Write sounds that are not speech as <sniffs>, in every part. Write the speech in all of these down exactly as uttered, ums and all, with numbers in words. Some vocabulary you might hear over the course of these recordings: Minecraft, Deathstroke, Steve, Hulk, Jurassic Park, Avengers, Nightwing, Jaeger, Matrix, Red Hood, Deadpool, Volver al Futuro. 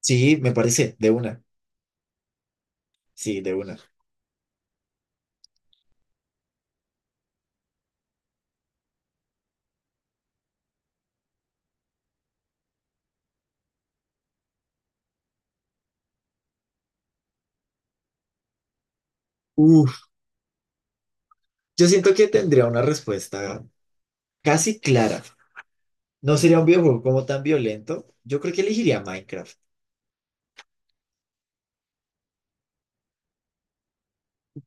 Sí, me parece, de una. Sí, de una. Uf, yo siento que tendría una respuesta casi clara. No sería un videojuego como tan violento. Yo creo que elegiría Minecraft.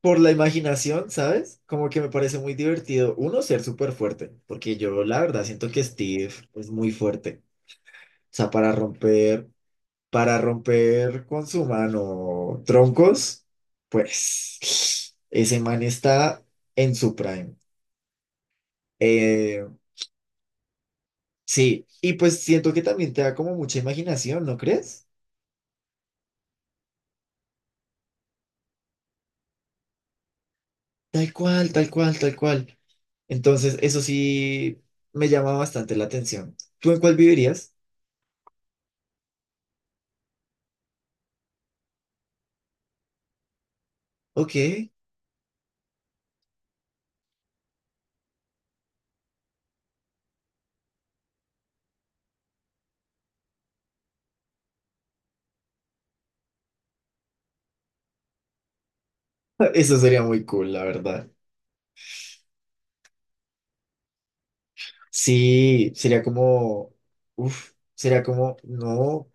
Por la imaginación, ¿sabes? Como que me parece muy divertido. Uno, ser súper fuerte, porque yo la verdad siento que Steve es muy fuerte. O sea, para romper, para romper con su mano troncos, pues <sniffs> ese man está en su prime. Eh, Sí, y pues siento que también te da como mucha imaginación, ¿no crees? Tal cual, tal cual, tal cual. Entonces, eso sí me llama bastante la atención. ¿Tú en cuál vivirías? Ok, <laughs> eso sería muy cool, la verdad. Sí, sería como, uff, sería como, no,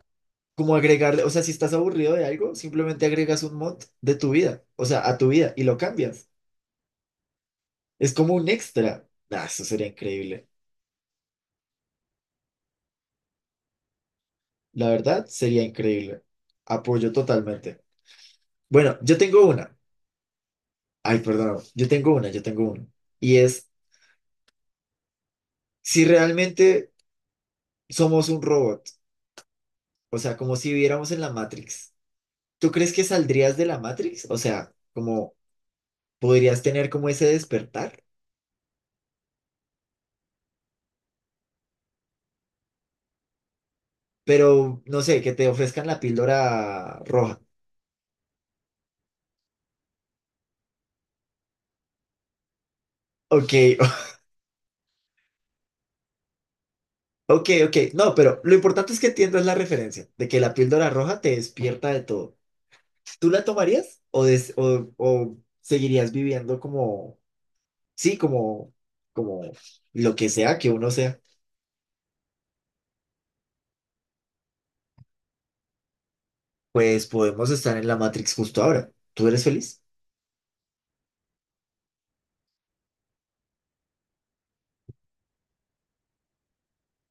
como agregarle, o sea, si estás aburrido de algo, simplemente agregas un mod de tu vida, o sea, a tu vida y lo cambias. Es como un extra. Ah, eso sería increíble. La verdad, sería increíble. Apoyo totalmente. Bueno, yo tengo una. Ay, perdón, yo tengo una, yo tengo una. Y es, si realmente somos un robot, o sea, como si viviéramos en la Matrix, ¿tú crees que saldrías de la Matrix? O sea, como podrías tener como ese despertar, pero no sé, que te ofrezcan la píldora roja. Ok, <laughs> ok, ok. No, pero lo importante es que entiendas la referencia de que la píldora roja te despierta de todo. ¿Tú la tomarías o, des- o, o seguirías viviendo como... sí, como, como lo que sea que uno sea, pues podemos estar en la Matrix justo ahora. ¿Tú eres feliz?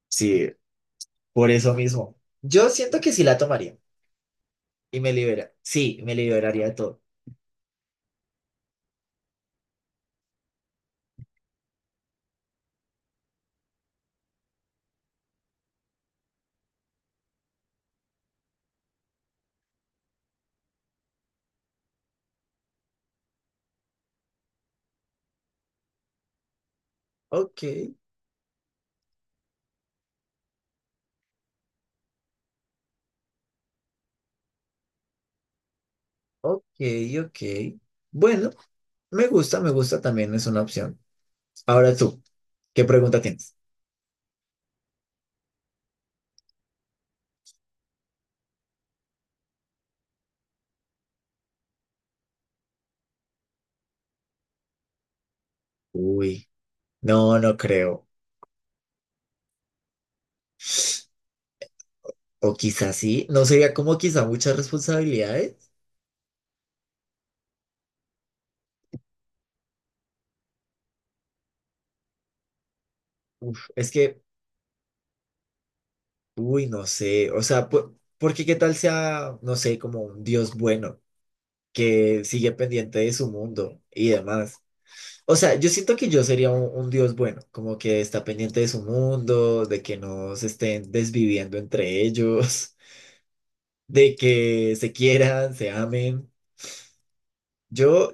Sí, por eso mismo. Yo siento que sí la tomaría y me libera. Sí, me liberaría de todo. Ok, ok, ok. Bueno, me gusta, me gusta también, es una opción. Ahora tú, ¿qué pregunta tienes? Uy, no, no creo. O quizás sí, no sería como quizá muchas responsabilidades. Uf, es que Uy, no sé, o sea, po- porque qué tal sea, no sé, como un Dios bueno que sigue pendiente de su mundo y demás. O sea, yo siento que yo sería un, un Dios bueno, como que está pendiente de su mundo, de que no se estén desviviendo entre ellos, <laughs> de que se quieran, se amen. Yo,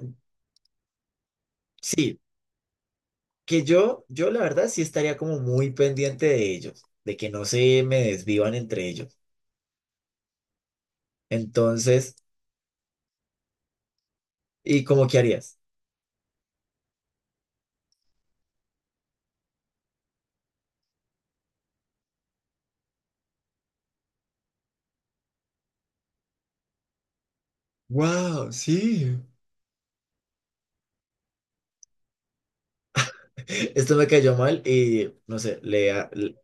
sí, que yo, yo la verdad sí estaría como muy pendiente de ellos, de que no se me desvivan entre ellos. Entonces, ¿y cómo qué harías? Wow, sí. <laughs> Esto me cayó mal y no sé, le... a- le-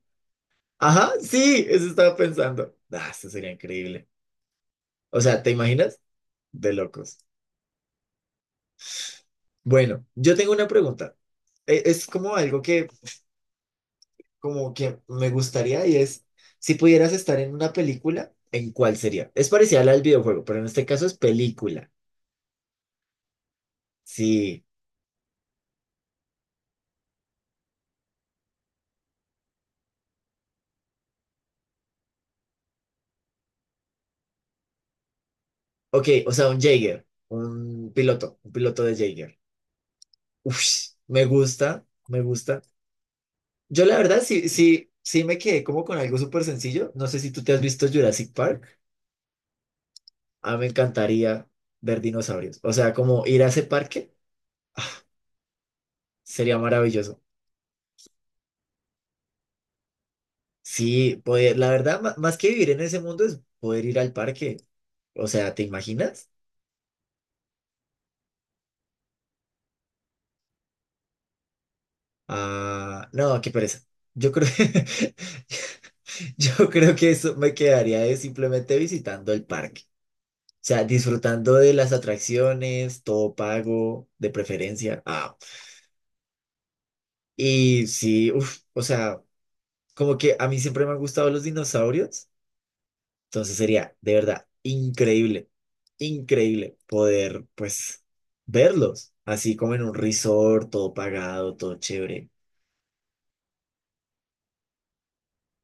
Ajá, sí, eso estaba pensando. Ah, esto sería increíble. O sea, ¿te imaginas? De locos. Bueno, yo tengo una pregunta. E- Es como algo que, como que me gustaría y es, si pudieras estar en una película, ¿en cuál sería? Es parecida a la del videojuego, pero en este caso es película. Sí. Ok, o sea, un Jaeger, un piloto, un piloto de Jaeger. Uf, me gusta, me gusta. Yo la verdad sí, sí, sí me quedé como con algo súper sencillo. No sé si tú te has visto Jurassic Park. A mí me encantaría ver dinosaurios. O sea, como ir a ese parque ah, sería maravilloso. Sí, poder, la verdad, ma- más que vivir en ese mundo es poder ir al parque. O sea, ¿te imaginas? Ah, no, qué pereza. Yo creo, <laughs> yo creo que eso me quedaría de simplemente visitando el parque. O sea, disfrutando de las atracciones, todo pago, de preferencia. Ah, y sí, uff, o sea, como que a mí siempre me han gustado los dinosaurios, entonces sería de verdad increíble, increíble poder pues verlos, así como en un resort, todo pagado, todo chévere.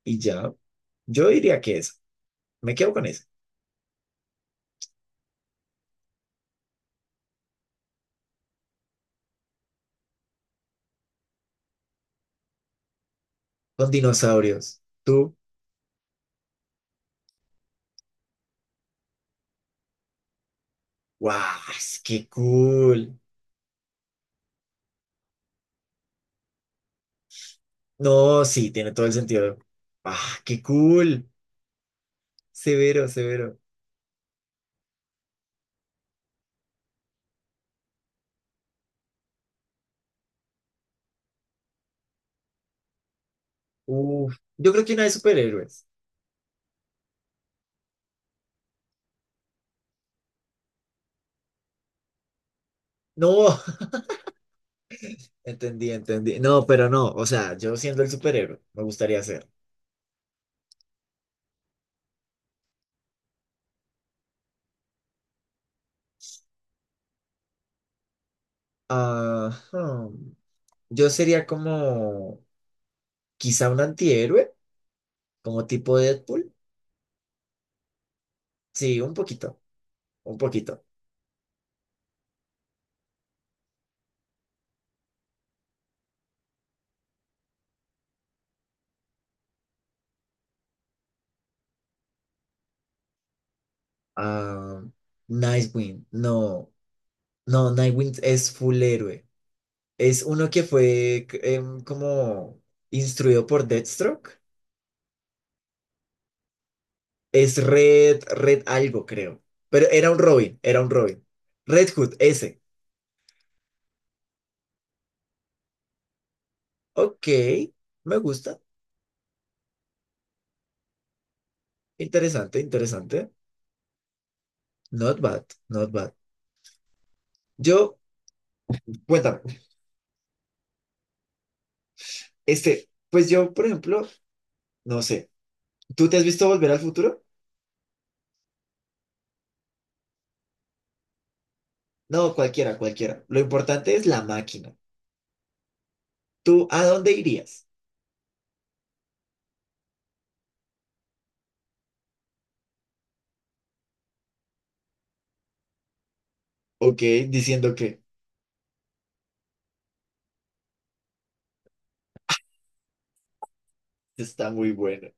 Y ya, yo diría que eso, me quedo con eso, con dinosaurios. Tú, wow, qué cool. No, sí, tiene todo el sentido. Ah, qué cool. Severo, severo. Uf, yo creo que una de superhéroes. No. Entendí, entendí. No, pero no, o sea, yo siendo el superhéroe, me gustaría ser. Ajá. Yo sería como quizá un antihéroe, como tipo Deadpool. Sí, un poquito, un poquito. Ah, Nightwing, no, no, Nightwing es full héroe. Es uno que fue c- em, como instruido por Deathstroke. Es Red, Red algo, creo. Pero era un Robin, era un Robin. Red Hood, ese. Ok, me gusta. Interesante, interesante. Not bad, not bad. Yo, cuéntame, este, pues yo, por ejemplo, no sé, ¿tú te has visto Volver al Futuro? No, cualquiera, cualquiera. Lo importante es la máquina. ¿Tú a dónde irías? Ok, diciendo que está muy bueno.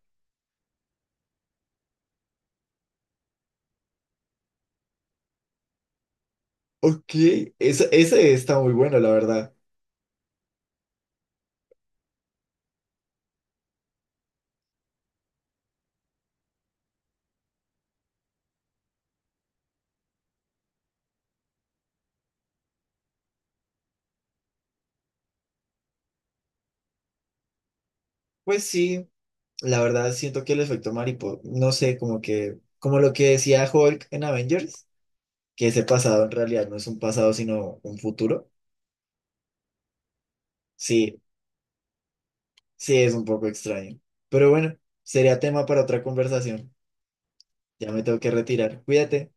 Ok, ese, ese está muy bueno, la verdad. Pues sí, la verdad siento que el efecto mariposa, no sé, como que, como lo que decía Hulk en Avengers, que ese pasado en realidad no es un pasado, sino un futuro. Sí, sí, es un poco extraño. Pero bueno, sería tema para otra conversación. Ya me tengo que retirar. Cuídate.